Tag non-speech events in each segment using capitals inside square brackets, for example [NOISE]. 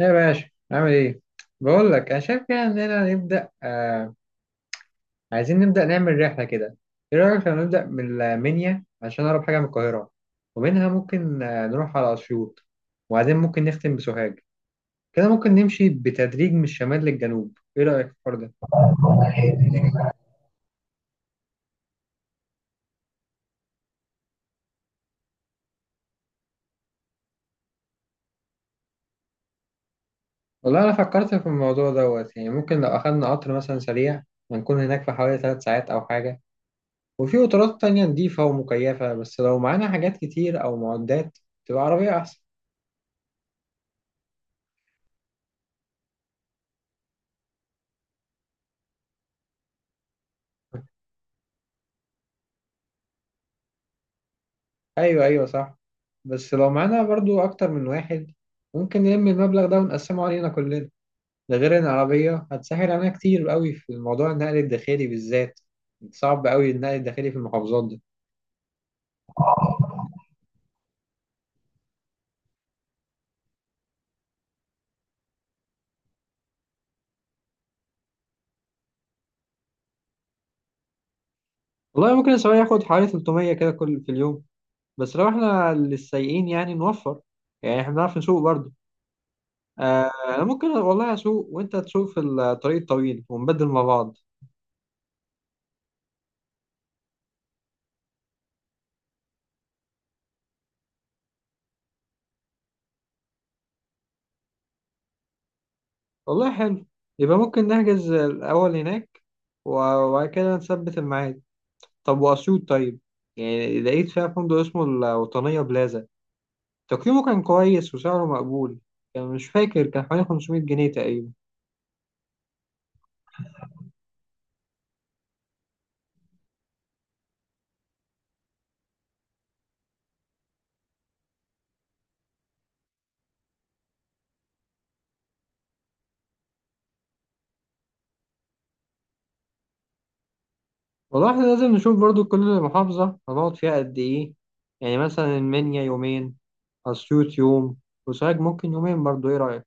يا باشا عامل ايه؟ بقول لك انا شايف كده اننا نبدا، عايزين نبدا نعمل رحله كده. ايه رايك لو نبدا من المنيا عشان اقرب حاجه من القاهره؟ ومنها ممكن نروح على اسيوط، وبعدين ممكن نختم بسوهاج. كده ممكن نمشي بتدريج من الشمال للجنوب. ايه رايك في الحوار ده؟ والله انا فكرت في الموضوع دوت. يعني ممكن لو اخدنا قطر مثلا سريع هنكون هناك في حوالي 3 ساعات او حاجه، وفي قطارات تانية نضيفة ومكيفة. بس لو معانا حاجات كتير أو معدات تبقى عربية أحسن. ايوه، ايوه، صح. بس لو معانا برضو اكتر من واحد ممكن نلم المبلغ ده ونقسمه علينا كلنا. ده غير ان العربيه هتسهل علينا كتير قوي في موضوع النقل الداخلي بالذات. صعب قوي النقل الداخلي في المحافظات دي. والله ممكن السواق ياخد حوالي 300 كده كل في اليوم، بس لو احنا للسايقين يعني نوفر، يعني احنا بنعرف نسوق برضو. آه، انا ممكن والله اسوق وانت تسوق في الطريق الطويل ونبدل مع بعض. والله حلو. يبقى ممكن نحجز الاول هناك وبعد كده نثبت الميعاد. طب وأسيوط طيب، يعني لقيت فيها فندق اسمه الوطنية بلازا، تقييمه كان كويس وسعره مقبول، كان مش فاكر، كان حوالي 500 جنيه تقريبا. والله احنا لازم نشوف برضو كل محافظة هنقعد فيها قد إيه. يعني مثلا المنيا يومين، أسيوط يوم، وسوهاج ممكن يومين برضو. إيه رأيك؟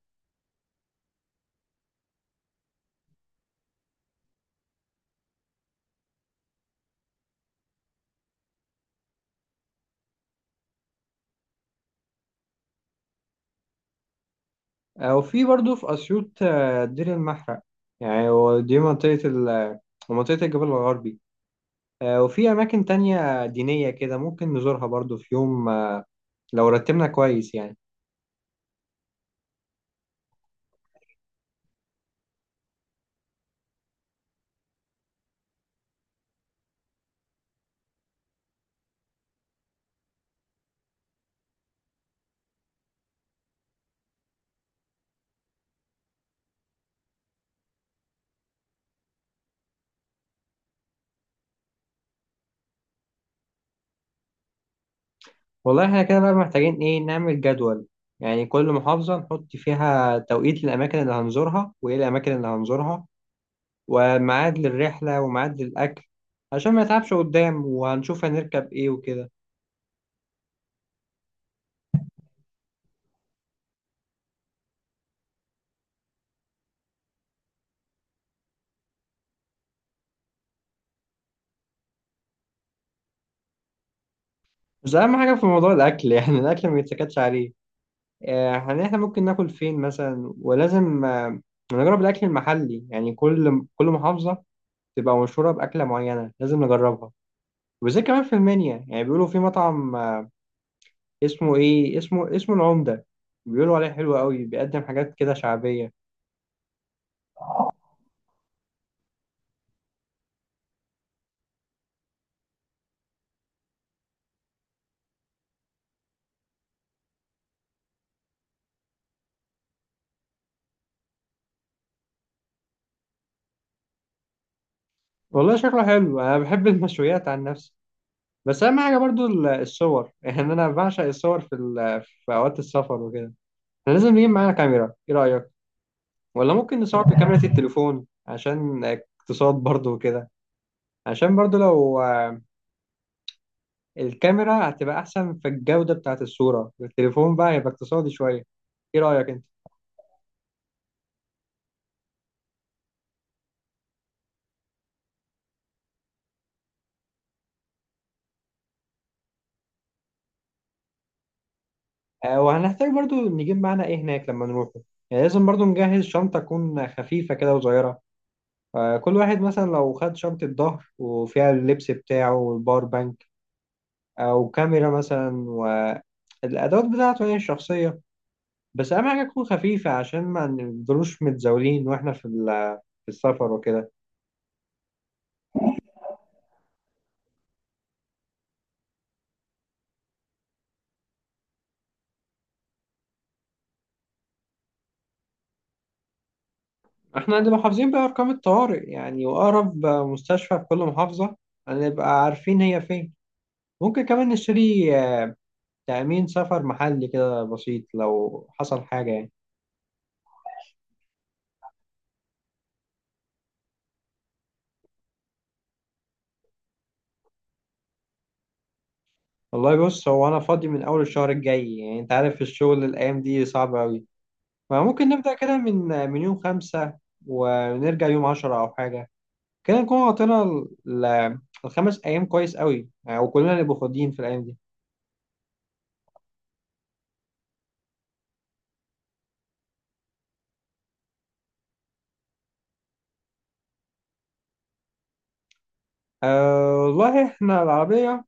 أو في برضو في أسيوط، دير المحرق، يعني هو دي منطقة منطقة الجبل الغربي. وفي أماكن تانية دينية كده ممكن نزورها برضو في يوم، لو رتبنا كويس يعني. والله احنا كده بقى محتاجين ايه، نعمل جدول، يعني كل محافظة نحط فيها توقيت للأماكن اللي هنزورها وإيه الأماكن اللي هنزورها وميعاد للرحلة وميعاد للأكل عشان ما نتعبش قدام، وهنشوف هنركب إيه وكده. بس أهم حاجة في موضوع الأكل [LAUGHS] يعني الأكل ما يتسكتش عليه. يعني إحنا ممكن ناكل فين مثلا، ولازم، نجرب الأكل المحلي. يعني كل محافظة تبقى مشهورة بأكلة معينة لازم نجربها. وزي كمان في المنيا يعني بيقولوا في مطعم، اسمه ايه، اسمه العمدة، بيقولوا عليه حلو قوي، بيقدم حاجات كده شعبية. والله شكله حلو، انا بحب المشويات عن نفسي. بس اهم حاجة برضو الصور. [LAUGHS] يعني انا بعشق الصور في اوقات السفر وكده. احنا لازم نجيب معانا كاميرا، ايه رأيك؟ ولا ممكن نصور بكاميرا التليفون عشان اقتصاد برضو وكده. عشان برضو لو، الكاميرا هتبقى احسن في الجودة بتاعت الصورة، التليفون بقى هيبقى اقتصادي شوية. ايه رأيك انت؟ وهنحتاج برضو نجيب معانا ايه هناك لما نروح. يعني لازم برضو نجهز شنطة تكون خفيفة كده وصغيرة. كل واحد مثلا لو خد شنطة ظهر وفيها اللبس بتاعه والباور بانك، أو كاميرا مثلا، والأدوات بتاعته هي الشخصية. بس أهم حاجة تكون خفيفة عشان ما نفضلوش متزاولين، وإحنا في في السفر وكده. إحنا هنبقى حافظين بقى أرقام الطوارئ، يعني وأقرب مستشفى في كل محافظة هنبقى عارفين هي فين. ممكن كمان نشتري تأمين سفر محلي كده بسيط لو حصل حاجة يعني. والله بص، هو أنا فاضي من أول الشهر الجاي. يعني أنت عارف الشغل الأيام دي صعب أوي، فممكن نبدأ كده من يوم 5 ونرجع يوم 10 أو حاجة. كده نكون غطينا الخمس أيام كويس أوي يعني، وكلنا نبقى فاضيين في الأيام دي. أه والله إحنا العربية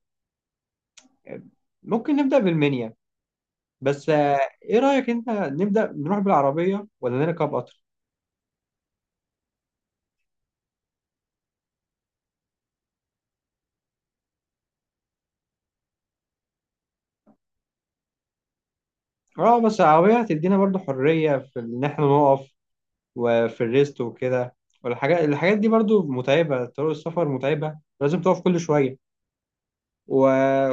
ممكن نبدأ بالمنيا. بس، إيه رأيك أنت، نبدأ نروح بالعربية ولا نركب قطر؟ اه، بس العربية هتدينا برضو حرية في إن إحنا نقف وفي الريست وكده. والحاجات دي برضو متعبة، طرق السفر متعبة، لازم تقف كل شوية و...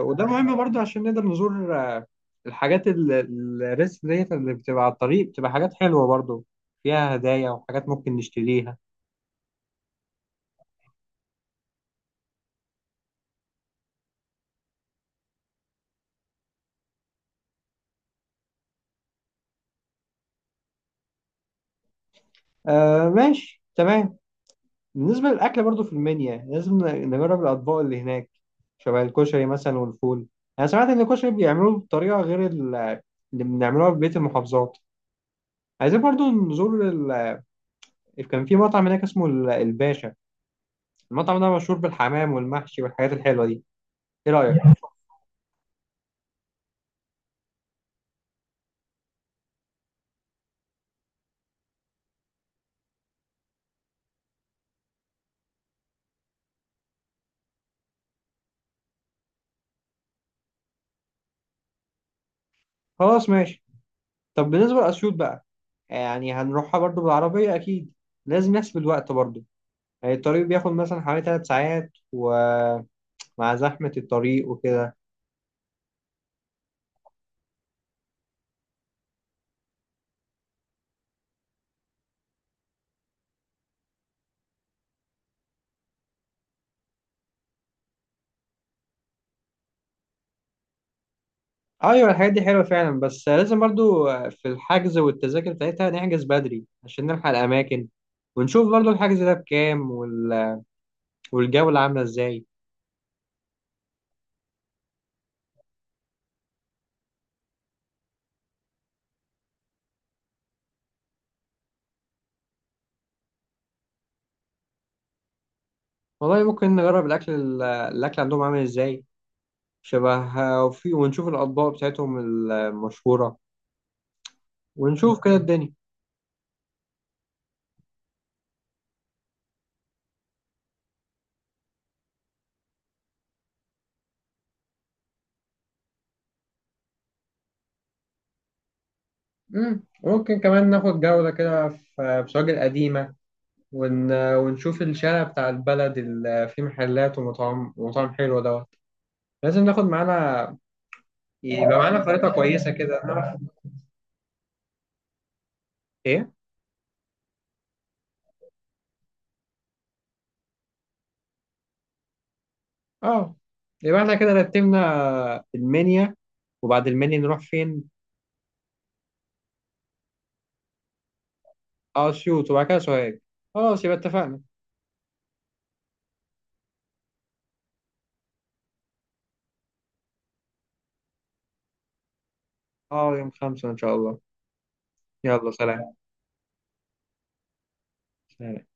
وده مهم برضو عشان نقدر نزور، الحاجات الريست ديت اللي بتبقى على الطريق بتبقى حاجات حلوة برضو، فيها هدايا وحاجات ممكن نشتريها. آه، ماشي تمام. بالنسبة للأكل برضو في المنيا لازم نجرب الأطباق اللي هناك، شبه الكشري مثلا والفول. أنا سمعت إن الكشري بيعملوه بطريقة غير اللي بنعملوها في بقية المحافظات. عايزين برضو نزور، كان في مطعم هناك اسمه الباشا. المطعم ده مشهور بالحمام والمحشي والحاجات الحلوة دي. ايه رأيك؟ خلاص ماشي. طب بالنسبة لأسيوط بقى، يعني هنروحها برضو بالعربية أكيد، لازم نحسب الوقت برضو. يعني الطريق بياخد مثلا حوالي 3 ساعات، ومع زحمة الطريق وكده. أيوة، الحاجات دي حلوة فعلا، بس لازم برضو في الحجز والتذاكر بتاعتها نحجز بدري عشان نلحق الأماكن، ونشوف برضو الحجز ده بكام والجولة عاملة إزاي. والله ممكن نجرب الأكل، الأكل عندهم عامل إزاي، شبه، وفي، ونشوف الأطباق بتاعتهم المشهورة، ونشوف كده الدنيا. مم. ممكن كمان ناخد جولة كده في بسواق القديمة، ونشوف الشارع بتاع البلد اللي فيه محلات ومطاعم، ومطاعم حلوة دوت. لازم ناخد معانا، يبقى معانا خريطة كويسة كده نعرف ايه. اه، يبقى احنا كده رتبنا المنيا، وبعد المنيا نروح فين؟ اه، اسيوط، وبعد كده سوهاج. خلاص يبقى اتفقنا. اه، يوم 5 ان شاء الله. يلا سلام. سلام.